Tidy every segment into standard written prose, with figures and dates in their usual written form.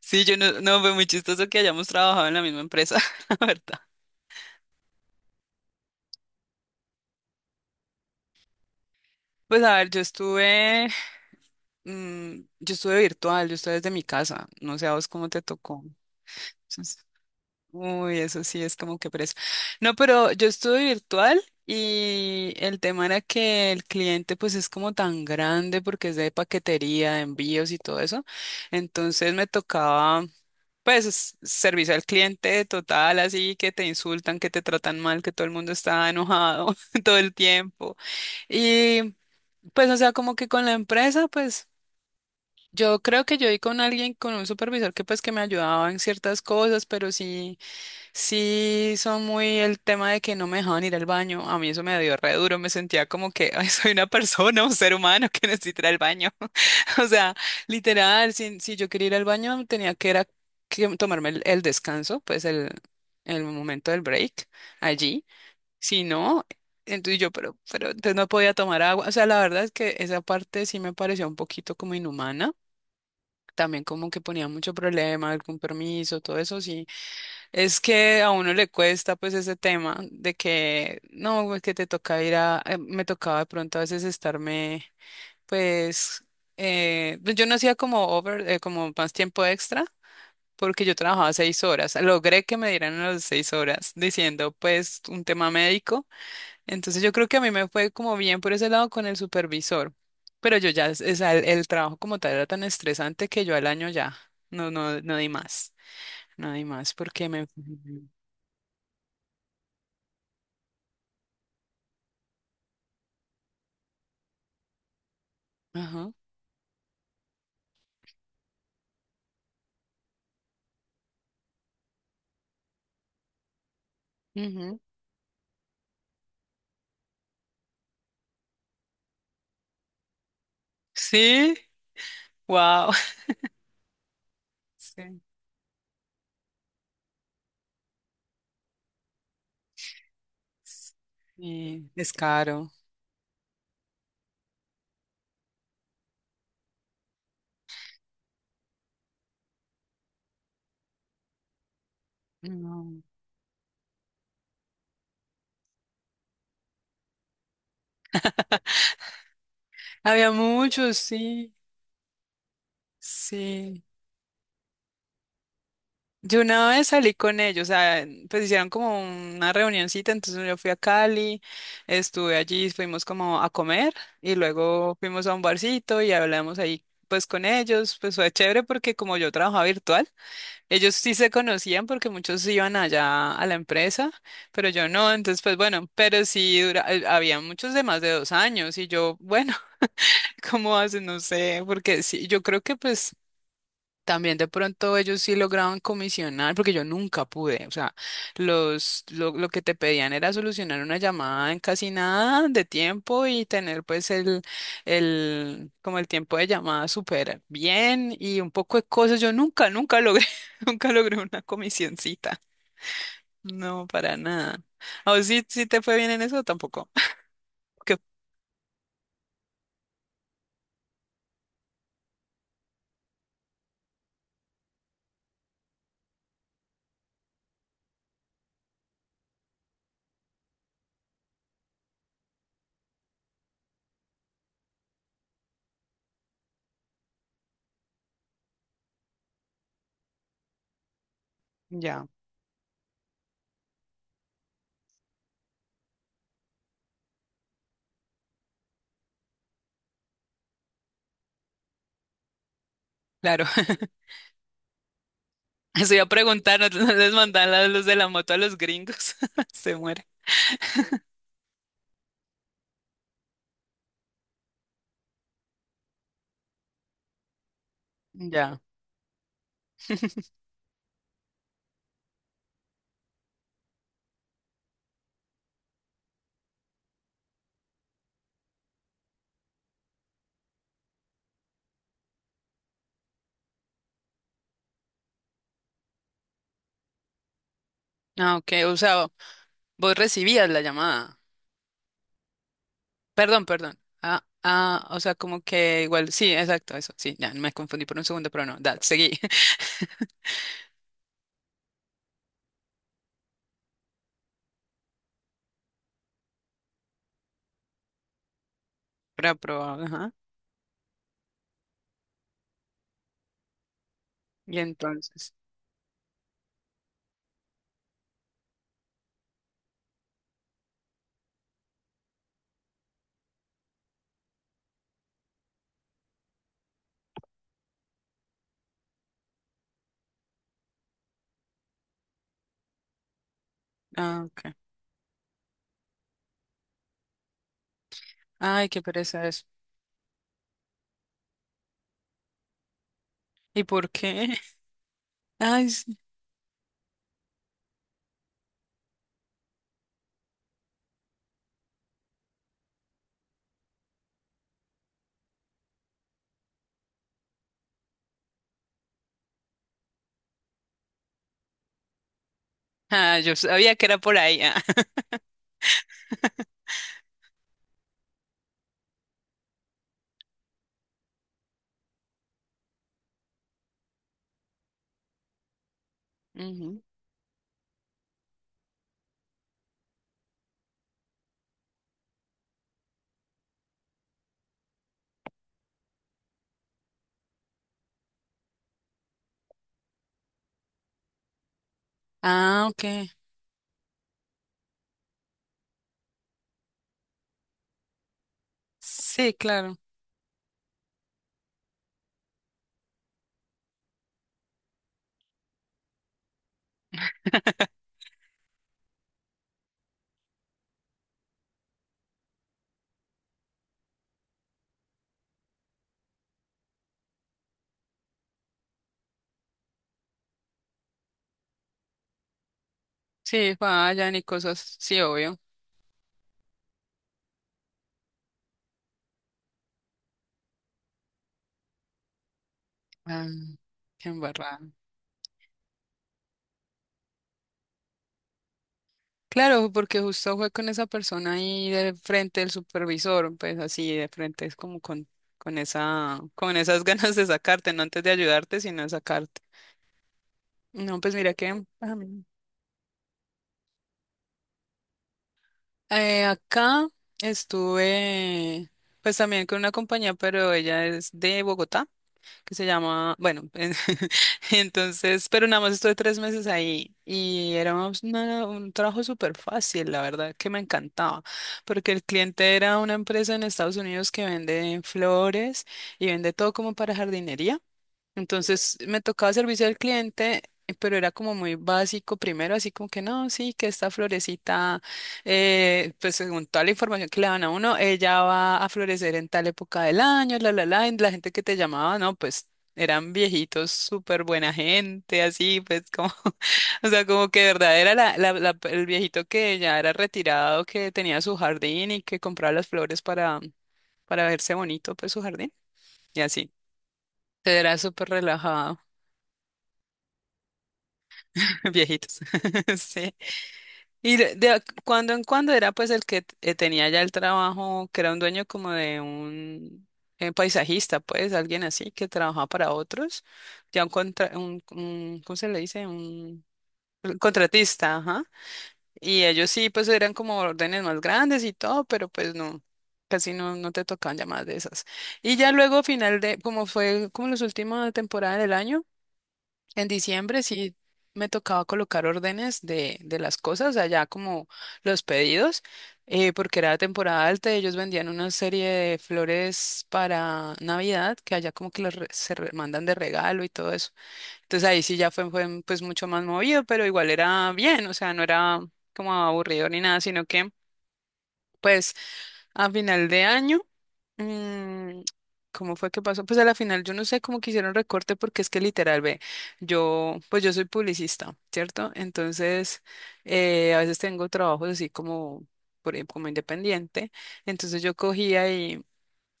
Sí, yo no, fue muy chistoso que hayamos trabajado en la misma empresa, la verdad. Pues a ver, mm, yo estuve virtual, yo estuve desde mi casa, no sé a vos cómo te tocó. Uy, eso sí es como que preso. No, pero yo estuve virtual y el tema era que el cliente pues es como tan grande porque es de paquetería, de envíos y todo eso. Entonces me tocaba pues servicio al cliente total, así que te insultan, que te tratan mal, que todo el mundo está enojado todo el tiempo. Y pues o sea, como que con la empresa pues... Yo creo que yo di con alguien, con un supervisor que pues que me ayudaba en ciertas cosas, pero sí. Sí, son muy el tema de que no me dejaban ir al baño. A mí eso me dio re duro. Me sentía como que "Ay, soy una persona, un ser humano que necesita ir al baño". O sea, literal, si yo quería ir al baño, tenía que, era, que tomarme el, descanso, pues el momento del break allí. Si no, entonces yo, pero entonces no podía tomar agua. O sea, la verdad es que esa parte sí me pareció un poquito como inhumana. También como que ponía mucho problema, el compromiso, todo eso, sí, es que a uno le cuesta pues ese tema de que no, es que te toca ir a, me tocaba de pronto a veces estarme pues, pues yo no hacía como over, como más tiempo extra porque yo trabajaba 6 horas. Logré que me dieran las 6 horas diciendo pues un tema médico. Entonces yo creo que a mí me fue como bien por ese lado con el supervisor, pero yo ya, el trabajo como tal era tan estresante que yo al año ya, no di más, no di más porque me... Ajá. Ujú. Sí, wow. Sí. Sí, es caro. No. Había muchos, sí, sí. Yo una vez salí con ellos, o sea, pues hicieron como una reunioncita, entonces yo fui a Cali, estuve allí, fuimos como a comer y luego fuimos a un barcito y hablamos ahí pues con ellos, pues fue chévere porque como yo trabajaba virtual. Ellos sí se conocían porque muchos iban allá a la empresa, pero yo no, entonces pues bueno, pero sí dura, había muchos de más de 2 años y yo, bueno. ¿Cómo hacen? No sé, porque sí, yo creo que pues también de pronto ellos sí lograban comisionar, porque yo nunca pude, o sea, lo que te pedían era solucionar una llamada en casi nada de tiempo y tener pues el, como el tiempo de llamada súper bien y un poco de cosas. Yo nunca, nunca logré, nunca logré una comisioncita. No, para nada. ¿O vos sí te fue bien en eso? Tampoco. Que- Ya, claro. Eso iba a preguntar, no, no les mandan la luz de la moto a los gringos. Se muere. Ya. Ah, ok, o sea, vos recibías la llamada. Perdón, perdón. Ah, ah, o sea, como que igual, sí, exacto, eso, sí, ya me confundí por un segundo, pero no, da, seguí. Para probar, ajá. Y entonces, ah, ok. Ay, qué pereza eso. ¿Y por qué? Ay, sí. Ah, yo sabía que era por ahí. Ah. Ujú. Ah, ok. Sí, claro. Sí, fallan y cosas, sí, obvio. Ah, qué embarrada. Claro, porque justo fue con esa persona ahí de frente del supervisor, pues así de frente es como con esas ganas de sacarte, no antes de ayudarte, sino de sacarte. No, pues mira que a mí- acá estuve pues también con una compañía, pero ella es de Bogotá. Que se llama, bueno, entonces, pero nada más estuve 3 meses ahí y era un trabajo súper fácil, la verdad, que me encantaba, porque el cliente era una empresa en Estados Unidos que vende flores y vende todo como para jardinería. Entonces me tocaba servicio al cliente, pero era como muy básico primero, así como que no, sí, que esta florecita, pues según toda la información que le dan a uno, ella va a florecer en tal época del año, la, y la gente que te llamaba, no, pues eran viejitos, súper buena gente, así, pues como, o sea, como que de verdad era el viejito que ya era retirado, que tenía su jardín y que compraba las flores para verse bonito, pues su jardín, y así. Entonces, era súper relajado. Viejitos. Sí. Y de cuando en cuando era pues el que tenía ya el trabajo, que era un dueño como de un paisajista, pues alguien así que trabajaba para otros, ya un, contra, un- ¿cómo se le dice? Un contratista, ajá. Y ellos sí, pues eran como órdenes más grandes y todo, pero pues no, casi no te tocaban llamadas de esas. Y ya luego final de, como fue como las últimas temporadas del año. En diciembre sí me tocaba colocar órdenes de las cosas, allá como los pedidos, porque era temporada alta, y ellos vendían una serie de flores para Navidad, que allá como que se mandan de regalo y todo eso. Entonces ahí sí ya fue, pues mucho más movido, pero igual era bien, o sea, no era como aburrido ni nada, sino que... Pues a final de año. mm, ¿Cómo fue que pasó? Pues a la final yo no sé cómo que hicieron recorte porque es que literal, ve, yo, pues yo soy publicista, ¿cierto? Entonces, a veces tengo trabajos así como, por ejemplo, como independiente. Entonces yo cogía y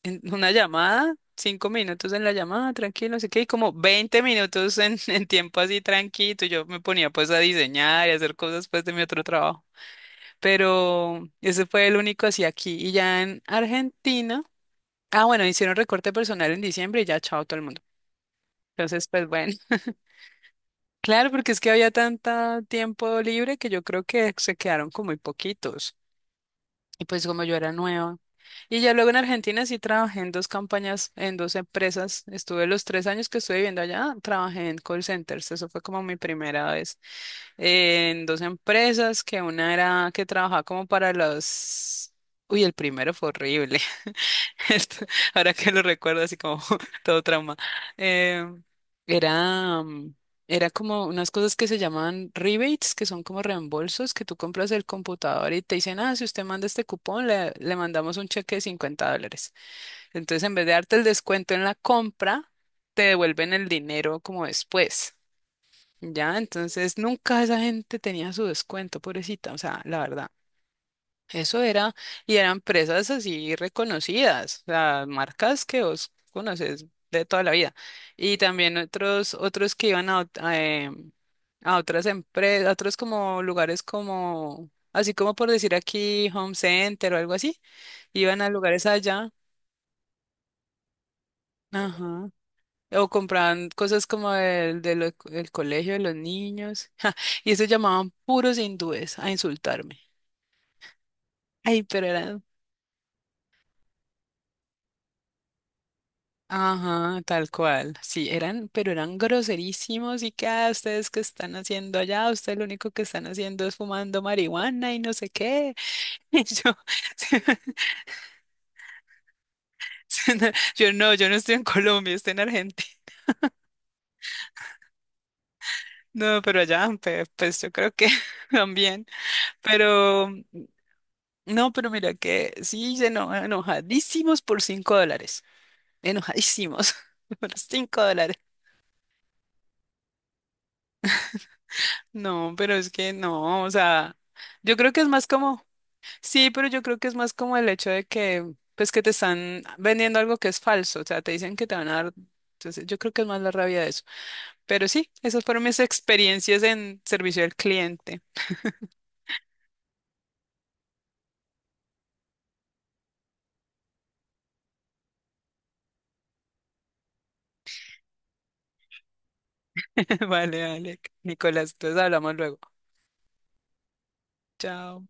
en una llamada, 5 minutos en la llamada, tranquilo, no sé qué, y como 20 minutos en, en tiempo así tranquilo. Yo me ponía pues a diseñar y a hacer cosas pues de mi otro trabajo, pero ese fue el único así aquí. Y ya en Argentina, ah, bueno, hicieron recorte personal en diciembre y ya chao todo el mundo. Entonces, pues bueno, claro, porque es que había tanto tiempo libre que yo creo que se quedaron con muy poquitos. Y pues como yo era nueva. Y ya luego en Argentina sí trabajé en 2 campañas, en 2 empresas. Estuve los 3 años que estuve viviendo allá, trabajé en call centers. Eso fue como mi primera vez. En 2 empresas, que una era que trabajaba como para los... Uy, el primero fue horrible. Esto- Ahora que lo recuerdo así como todo trauma. Eh, era, mm, era como unas cosas que se llaman rebates, que son como reembolsos, que tú compras el computador y te dicen, ah, si usted manda este cupón, le mandamos un cheque de $50. Entonces, en vez de darte el descuento en la compra, te devuelven el dinero como después. Ya, entonces nunca esa gente tenía su descuento, pobrecita, o sea, la verdad. Eso era, y eran empresas así reconocidas, o sea, marcas que vos conoces de toda la vida. Y también otros que iban a, a otras empresas, a otros como lugares como, así como por decir aquí, Home Center o algo así, iban a lugares allá. Ajá. O compraban cosas como el del del co- el colegio de los niños. Y eso llamaban puros hindúes a insultarme. Ay, pero eran. Ajá, tal cual. Sí, eran, pero eran groserísimos y que "Ah, ustedes que están haciendo allá, ustedes lo único que están haciendo es fumando marihuana y no sé qué". Y yo, yo no estoy en Colombia, estoy en Argentina. No, pero allá, pues yo creo que también. Pero No, pero mira que sí, se enojadísimos por $5. Enojadísimos por $5. No, pero es que no, o sea, yo creo que es más como, sí, pero yo creo que es más como el hecho de que, pues que te están vendiendo algo que es falso, o sea, te dicen que te van a dar, entonces yo creo que es más la rabia de eso. Pero sí, esas fueron mis experiencias en servicio al cliente. Vale, vale, Nicolás, entonces hablamos luego. Chao.